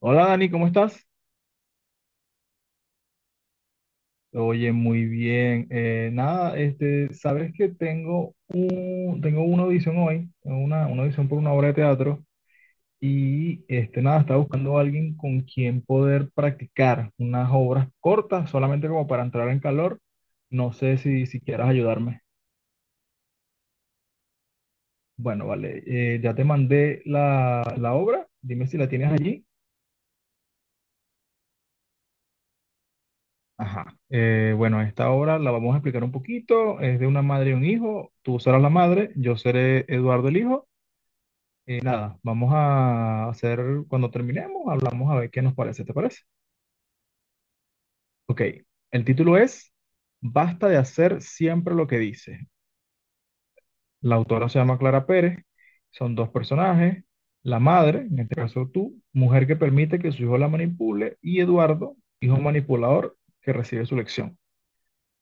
Hola Dani, ¿cómo estás? Oye, muy bien. Nada, este, sabes que tengo una audición hoy, tengo una audición por una obra de teatro y este, nada, estaba buscando a alguien con quien poder practicar unas obras cortas, solamente como para entrar en calor. No sé si quieras ayudarme. Bueno, vale, ya te mandé la obra, dime si la tienes allí. Ajá. Bueno, esta obra la vamos a explicar un poquito. Es de una madre y un hijo. Tú serás la madre, yo seré Eduardo el hijo. Nada, vamos a hacer, cuando terminemos, hablamos a ver qué nos parece. ¿Te parece? Ok. El título es Basta de hacer siempre lo que dice. La autora se llama Clara Pérez. Son dos personajes. La madre, en este caso tú, mujer que permite que su hijo la manipule, y Eduardo, hijo manipulador que recibe su lección.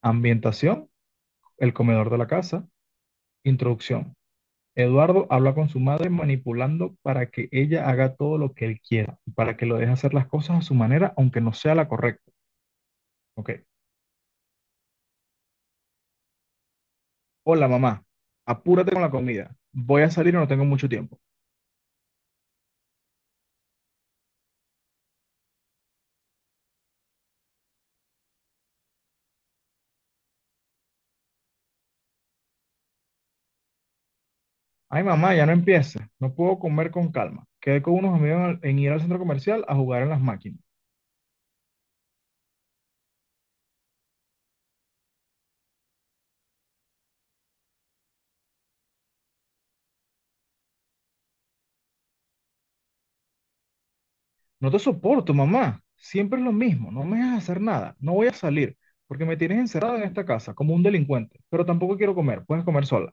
Ambientación, el comedor de la casa. Introducción. Eduardo habla con su madre manipulando para que ella haga todo lo que él quiera y para que lo deje hacer las cosas a su manera, aunque no sea la correcta. Ok. Hola, mamá. Apúrate con la comida. Voy a salir y no tengo mucho tiempo. Ay, mamá, ya no empieces. No puedo comer con calma. Quedé con unos amigos en ir al centro comercial a jugar en las máquinas. No te soporto, mamá. Siempre es lo mismo. No me dejas hacer nada. No voy a salir porque me tienes encerrado en esta casa como un delincuente. Pero tampoco quiero comer. Puedes comer sola.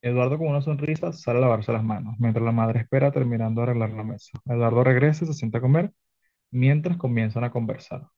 Eduardo con una sonrisa sale a lavarse las manos, mientras la madre espera terminando de arreglar la mesa. Eduardo regresa y se sienta a comer mientras comienzan a conversar.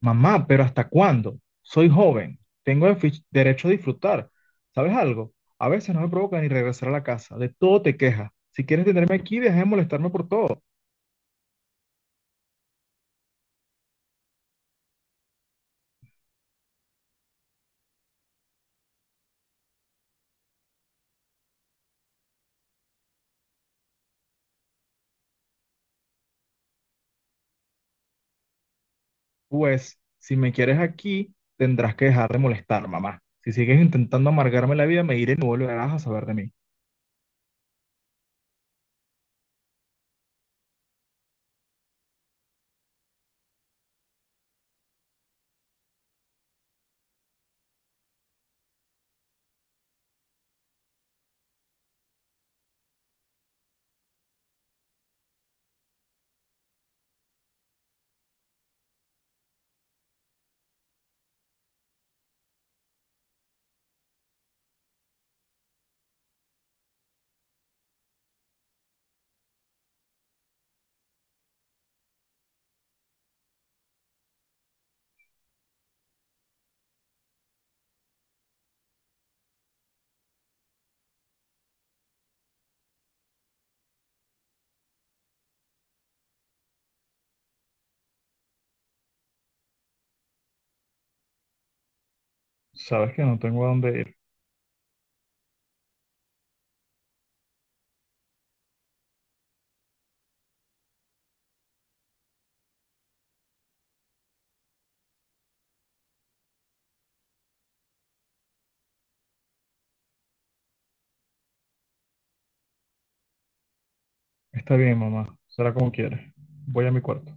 Mamá, pero ¿hasta cuándo? Soy joven, tengo el derecho a disfrutar. ¿Sabes algo? A veces no me provoca ni regresar a la casa, de todo te quejas. Si quieres tenerme aquí, deja de molestarme por todo. Pues, si me quieres aquí, tendrás que dejar de molestar, mamá. Si sigues intentando amargarme la vida, me iré y no volverás a saber de mí. Sabes que no tengo a dónde ir. Está bien, mamá, será como quieres. Voy a mi cuarto.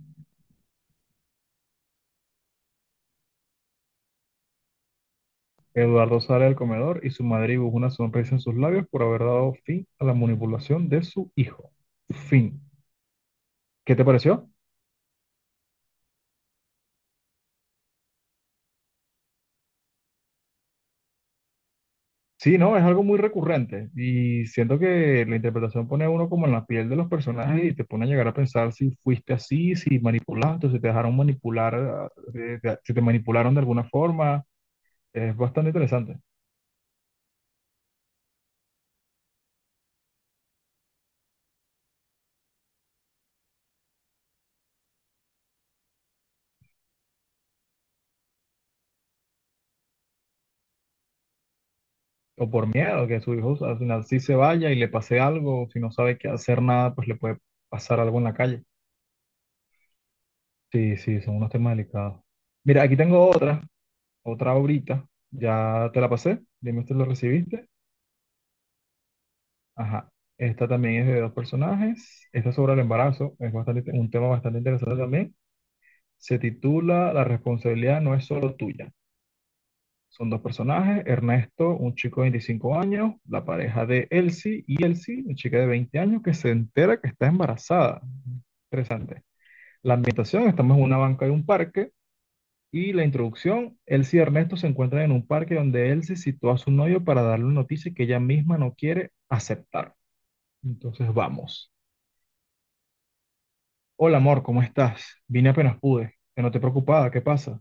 Eduardo sale del comedor y su madre dibuja una sonrisa en sus labios por haber dado fin a la manipulación de su hijo. Fin. ¿Qué te pareció? Sí, no, es algo muy recurrente y siento que la interpretación pone a uno como en la piel de los personajes y te pone a llegar a pensar si fuiste así, si manipulaste, si te dejaron manipular, si te manipularon de alguna forma. Es bastante interesante. O por miedo que su hijo al final sí se vaya y le pase algo, o si no sabe qué hacer nada, pues le puede pasar algo en la calle. Sí, sí, son unos temas delicados. Mira, aquí tengo otra ahorita. Ya te la pasé, dime si lo recibiste. Ajá. Esta también es de dos personajes. Esta es sobre el embarazo, es bastante, un tema bastante interesante también. Se titula La responsabilidad no es solo tuya. Son dos personajes, Ernesto, un chico de 25 años, la pareja de Elsie y Elsie, una chica de 20 años que se entera que está embarazada. Interesante. La ambientación, estamos en una banca de un parque y la introducción, Elsie y Ernesto se encuentran en un parque donde Elsie sitúa a su novio para darle una noticia que ella misma no quiere aceptar. Entonces vamos. Hola amor, ¿cómo estás? Vine apenas pude. Que no te preocupaba, ¿qué pasa?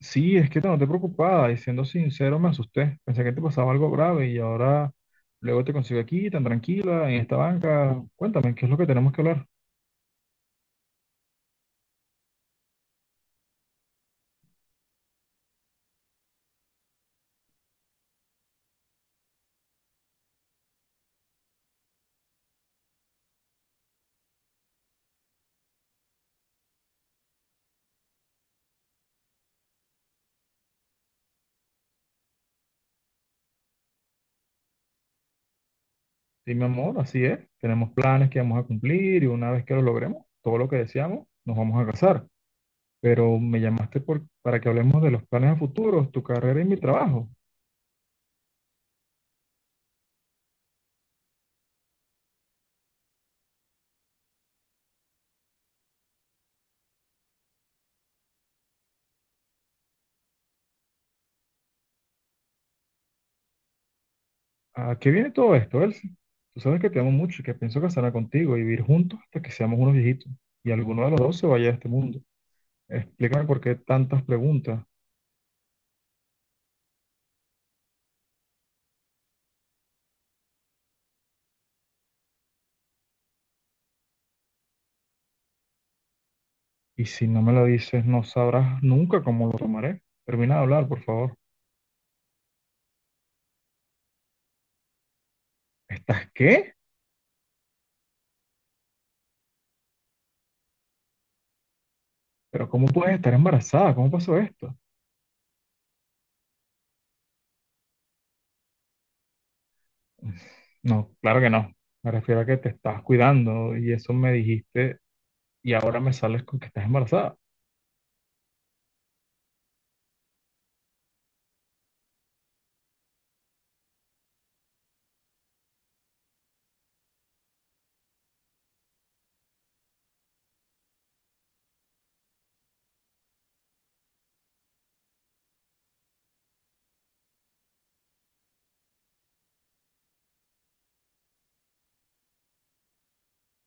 Sí, es que no te noté preocupada y siendo sincero me asusté. Pensé que te pasaba algo grave y ahora luego te consigo aquí tan tranquila en esta banca. Cuéntame, ¿qué es lo que tenemos que hablar? Sí, mi amor, así es. Tenemos planes que vamos a cumplir y una vez que lo logremos, todo lo que deseamos, nos vamos a casar. Pero para que hablemos de los planes a futuros, tu carrera y mi trabajo. ¿A qué viene todo esto, Elsie? Tú sabes que te amo mucho y que pienso casarme contigo y vivir juntos hasta que seamos unos viejitos y alguno de los dos se vaya de este mundo. Explícame por qué tantas preguntas. Y si no me lo dices, no sabrás nunca cómo lo tomaré. Termina de hablar, por favor. ¿Estás qué? ¿Pero cómo puedes estar embarazada? ¿Cómo pasó esto? No, claro que no. Me refiero a que te estás cuidando y eso me dijiste y ahora me sales con que estás embarazada.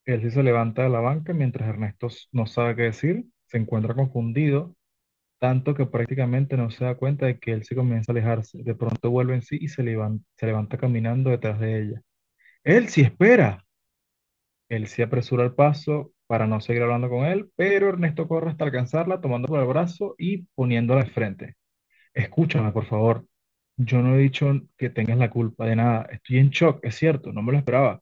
Él sí se levanta de la banca mientras Ernesto no sabe qué decir, se encuentra confundido, tanto que prácticamente no se da cuenta de que él se comienza a alejarse. De pronto vuelve en sí y se se levanta caminando detrás de ella. Él sí espera. Él se apresuró al paso para no seguir hablando con él, pero Ernesto corre hasta alcanzarla, tomándola por el brazo y poniéndola de frente. Escúchame, por favor. Yo no he dicho que tengas la culpa de nada. Estoy en shock, es cierto, no me lo esperaba,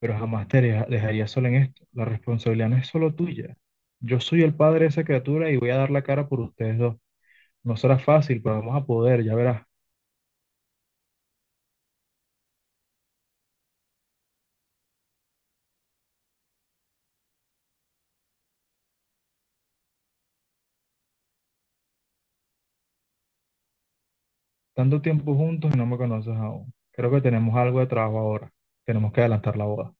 pero jamás te dejaría sola en esto. La responsabilidad no es solo tuya. Yo soy el padre de esa criatura y voy a dar la cara por ustedes dos. No será fácil, pero vamos a poder, ya verás. Tanto tiempo juntos y no me conoces aún. Creo que tenemos algo de trabajo ahora. Tenemos que adelantar la boda.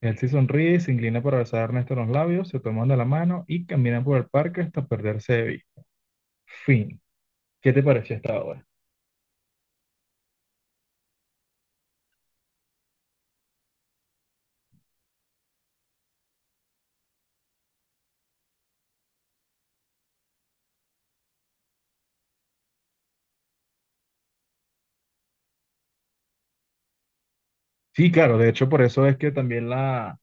Él sí sonríe y se inclina para besar a Ernesto en los labios, se toman de la mano y caminan por el parque hasta perderse de vista. Fin. ¿Qué te pareció esta obra? Sí, claro, de hecho por eso es que también la,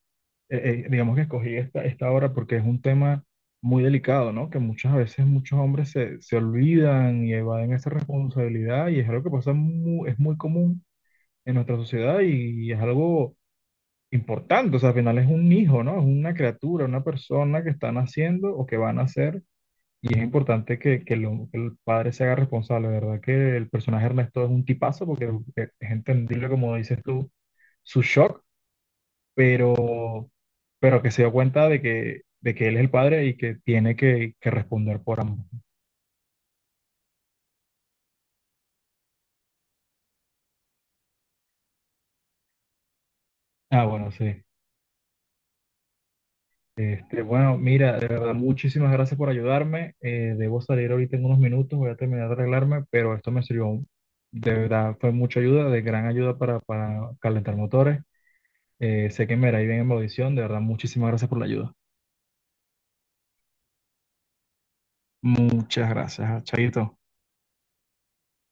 eh, eh, digamos que escogí esta obra porque es un tema muy delicado, ¿no? Que muchas veces muchos hombres se olvidan y evaden esa responsabilidad y es algo que pasa muy, es muy común en nuestra sociedad y, es algo importante, o sea, al final es un hijo, ¿no? Es una criatura, una persona que está naciendo o que va a nacer. Y es importante que el padre se haga responsable, ¿verdad? Que el personaje Ernesto es un tipazo porque es entendible, como dices tú, su shock, pero, pero que se dio cuenta de que él es el padre y que que responder por ambos. Ah, bueno, sí. Este, bueno, mira, de verdad, muchísimas gracias por ayudarme. Debo salir ahorita en unos minutos, voy a terminar de arreglarme, pero esto me sirvió, de verdad, fue mucha ayuda, de gran ayuda para calentar motores. Sé que me irá bien en mi audición. De verdad, muchísimas gracias por la ayuda. Muchas gracias, Chaito.